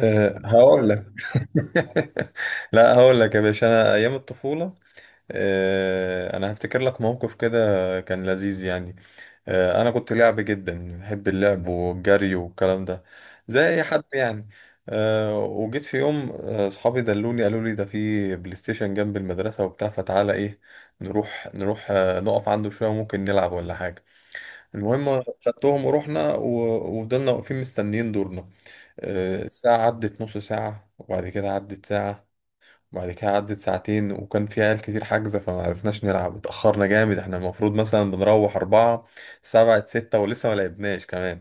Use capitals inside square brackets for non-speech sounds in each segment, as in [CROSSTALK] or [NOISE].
أه هقول لك. [LAUGHS] لا هقول لك يا باشا، انا ايام الطفوله. أه انا هفتكر لك موقف كده، كان لذيذ يعني. أه انا كنت لعب جدا، بحب اللعب والجري والكلام ده، زي اي حد يعني. أه وجيت في يوم اصحابي دلوني، قالوا لي ده في بلاي ستيشن جنب المدرسه وبتاع، فتعالى ايه نروح نروح نقف عنده شويه، ممكن نلعب ولا حاجه. المهم خدتهم ورحنا وفضلنا واقفين مستنيين دورنا. الساعة عدت نص ساعة، وبعد كده عدت ساعة، وبعد كده عدت ساعتين. وكان في عيال كتير حاجزة، فما عرفناش نلعب. اتأخرنا جامد، احنا المفروض مثلا بنروح أربعة، سبعة ستة ولسه ما لعبناش كمان.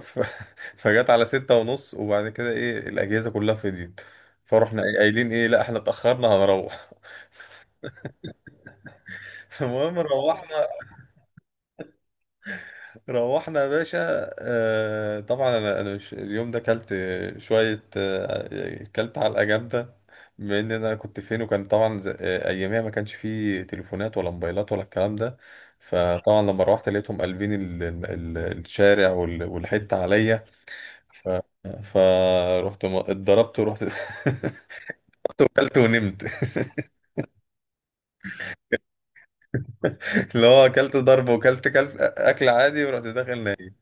ف... [LAUGHS] فجت على 6:30، وبعد كده ايه الأجهزة كلها فضيت. فروحنا إيه قايلين ايه، لا احنا اتأخرنا هنروح. [LAUGHS] المهم روحنا. روحنا يا باشا. آه طبعا انا مش اليوم ده كلت شويه، آه كلت علقه جامده. بما ان انا كنت فين، وكان طبعا اياميها ما كانش فيه تليفونات ولا موبايلات ولا الكلام ده. فطبعا لما روحت لقيتهم قلبين الشارع والحته عليا. فروحت اتضربت ورحت. [LAUGHS] رحت وكلت ونمت. [LAUGHS] اللي هو اكلت ضرب وكلت اكل عادي، ورحت داخل نايم.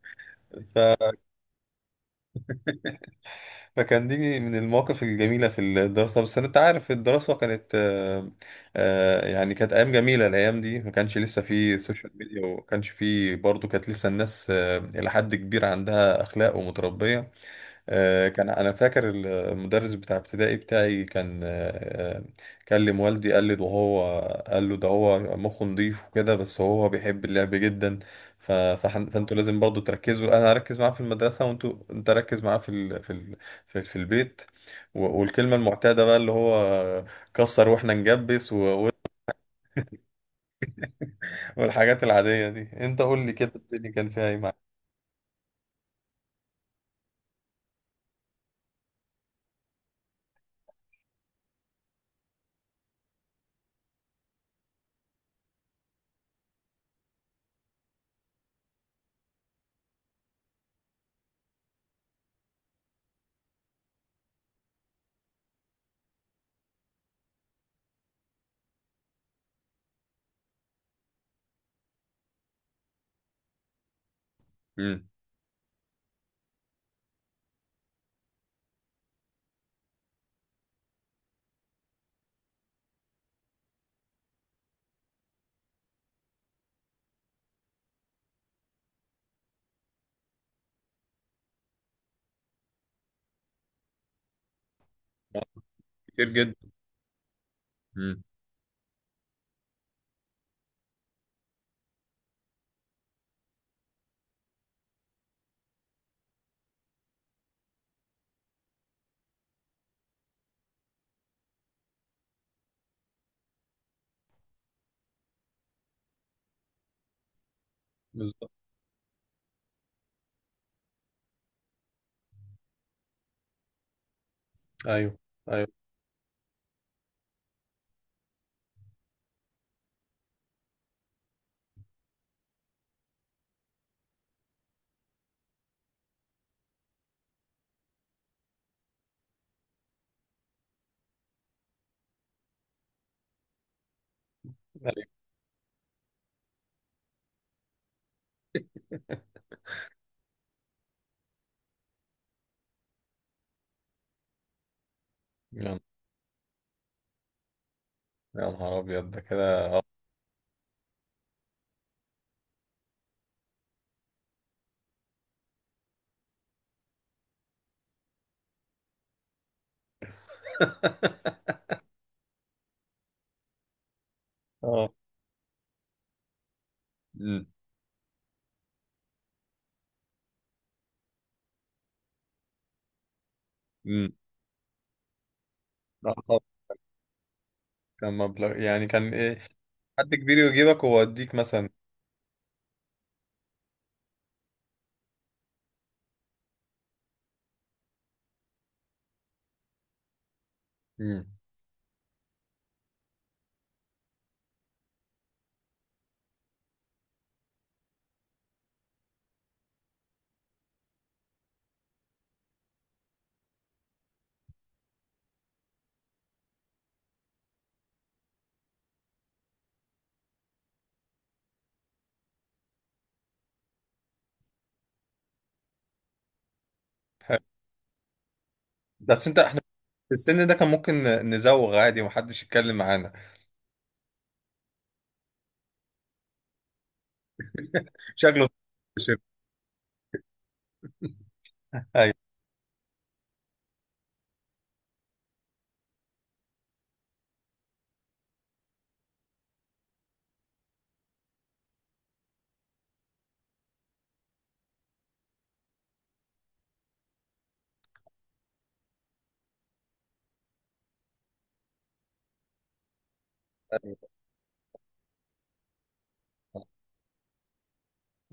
فكان دي من المواقف الجميلة في الدراسة. بس أنت عارف الدراسة كانت يعني كانت أيام جميلة. الأيام دي ما كانش لسه في سوشيال ميديا، وما كانش في برضه، كانت لسه الناس إلى حد كبير عندها أخلاق ومتربية. آه، كان انا فاكر. المدرس بتاع ابتدائي بتاعي كان كلم والدي. قال لي ده هو، قال له ده هو مخه نضيف وكده، بس هو بيحب اللعب جدا. فانتوا لازم برضو تركزوا. انا اركز معاه في المدرسه، وانتوا، انت ركز معاه في البيت. والكلمه المعتاده بقى اللي هو كسر واحنا نجبس. و- والحاجات العاديه دي. انت قول لي كده، الدنيا كان فيها ايه معاك؟ امم. كتير جدا. امم. بالظبط. ايوه. ايوه. ايوه يا يا نهار ابيض ده كده. [LAUGHS] اه. مم. مم. لا طبعا. كان مبلغ يعني كان ايه، حد كبير يجيبك ويوديك مثلا. مم. بس انت احنا في السن ده، كان ممكن نزوغ عادي ومحدش يتكلم معانا. شكله. شف. [LAUGHS] ايوه. ايوه.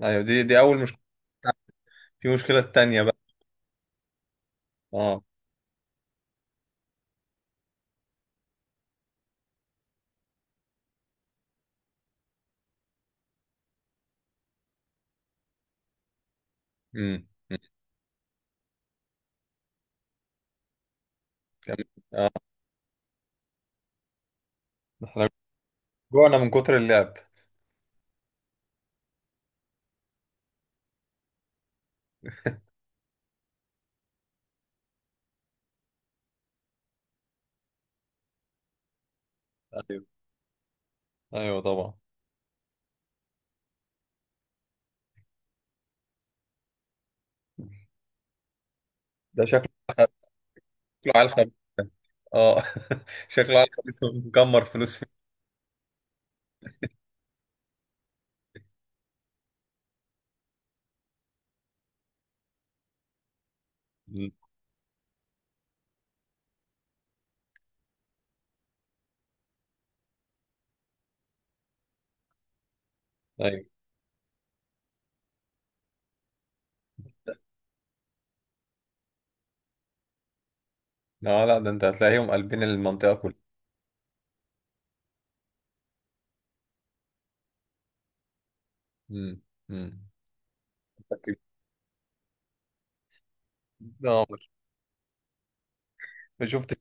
ايوه دي اول مشكله، في مشكله تانية بقى. اه. امم. كمان احنا جوعنا من كتر اللعب. ايوه. ايوه طبعا. ده شكله. خ- شكله عيل خبيث. اه. [LAUGHS] شكله عيل خبيث، مكمر فلوس فيه. مم. ايوه. لا لا، ده انت هتلاقيهم قلبين المنطقة كلها. امم. امم. [LAUGHS] اه. ما شفت.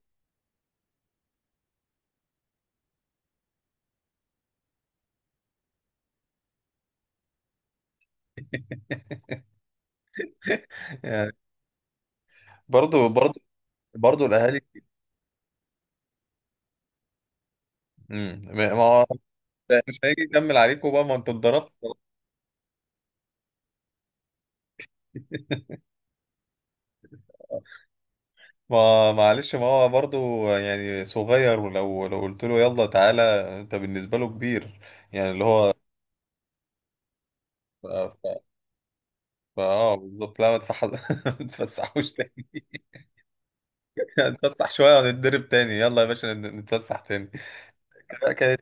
[LAUGHS] يعني. برضو برضو، برضو الاهالي. امم. ما هو مش هيجي يكمل عليكم بقى، ما انتوا اتضربتوا. ما معلش، ما هو برضو يعني صغير، ولو قلت له يلا تعالى، انت بالنسبة له كبير. يعني اللي هو ف- ف- فاه بالظبط. لا ما تفح- [LAUGHS] ما تفسحوش تاني. [LAUGHS] نتفسح شوية ونتدرب تاني، يلا يا باشا نتفسح تاني. [LAUGHS] لا، كانت.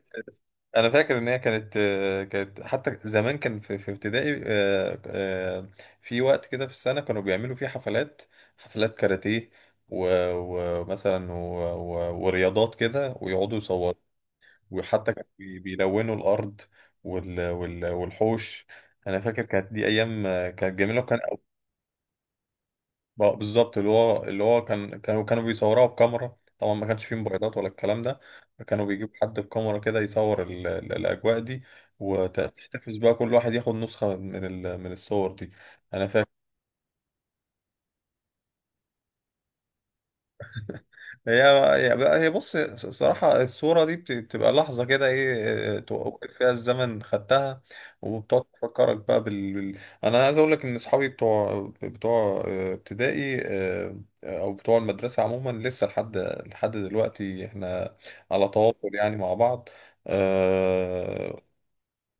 انا فاكر ان هي كانت كانت. حتى زمان كان في ابتدائي في وقت كده في السنه كانوا بيعملوا فيه حفلات. حفلات كاراتيه و- ومثلا ورياضات كده ويقعدوا يصوروا. وحتى كانوا بيلونوا الارض والحوش. انا فاكر كانت دي ايام كانت جميله. وكان بالظبط، اللي هو كان كانوا بيصوروها بكاميرا. طبعا ما كانش فيه موبايلات ولا الكلام ده. فكانوا بيجيب حد بكاميرا كده يصور الاجواء دي. وتحتفظ بقى كل واحد ياخد نسخة من الصور دي. انا فاكر. هي هي بقى- هي بص الصراحة، الصورة دي بتبقى لحظة كده، ايه، توقف فيها الزمن خدتها. وبتقعد تفكرك بقى. انا عايز اقول لك ان اصحابي بتوع ابتدائي او بتوع المدرسة عموما، لسه لحد دلوقتي احنا على تواصل يعني مع بعض. آه،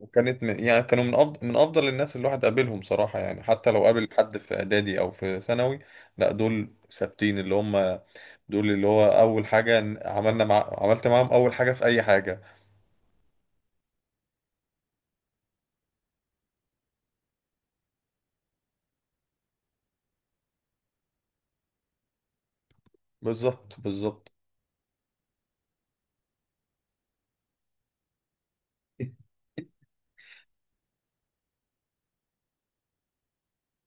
وكانت يعني كانوا من افضل الناس اللي الواحد قابلهم صراحة يعني، حتى لو قابل حد في اعدادي او في ثانوي. لا دول ثابتين اللي هم. دول اللي هو اول حاجه عملنا عملت معاهم اول حاجه في اي حاجه. بالظبط بالظبط. [LAUGHS]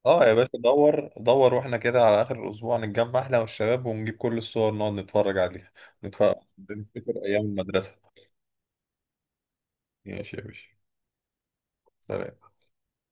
اه يا باشا، دور دور. واحنا كده على اخر الاسبوع نتجمع احنا والشباب ونجيب كل الصور نقعد نتفرج عليها. نتفرج، نفتكر ايام المدرسه. ماشي يا باشا. سلام.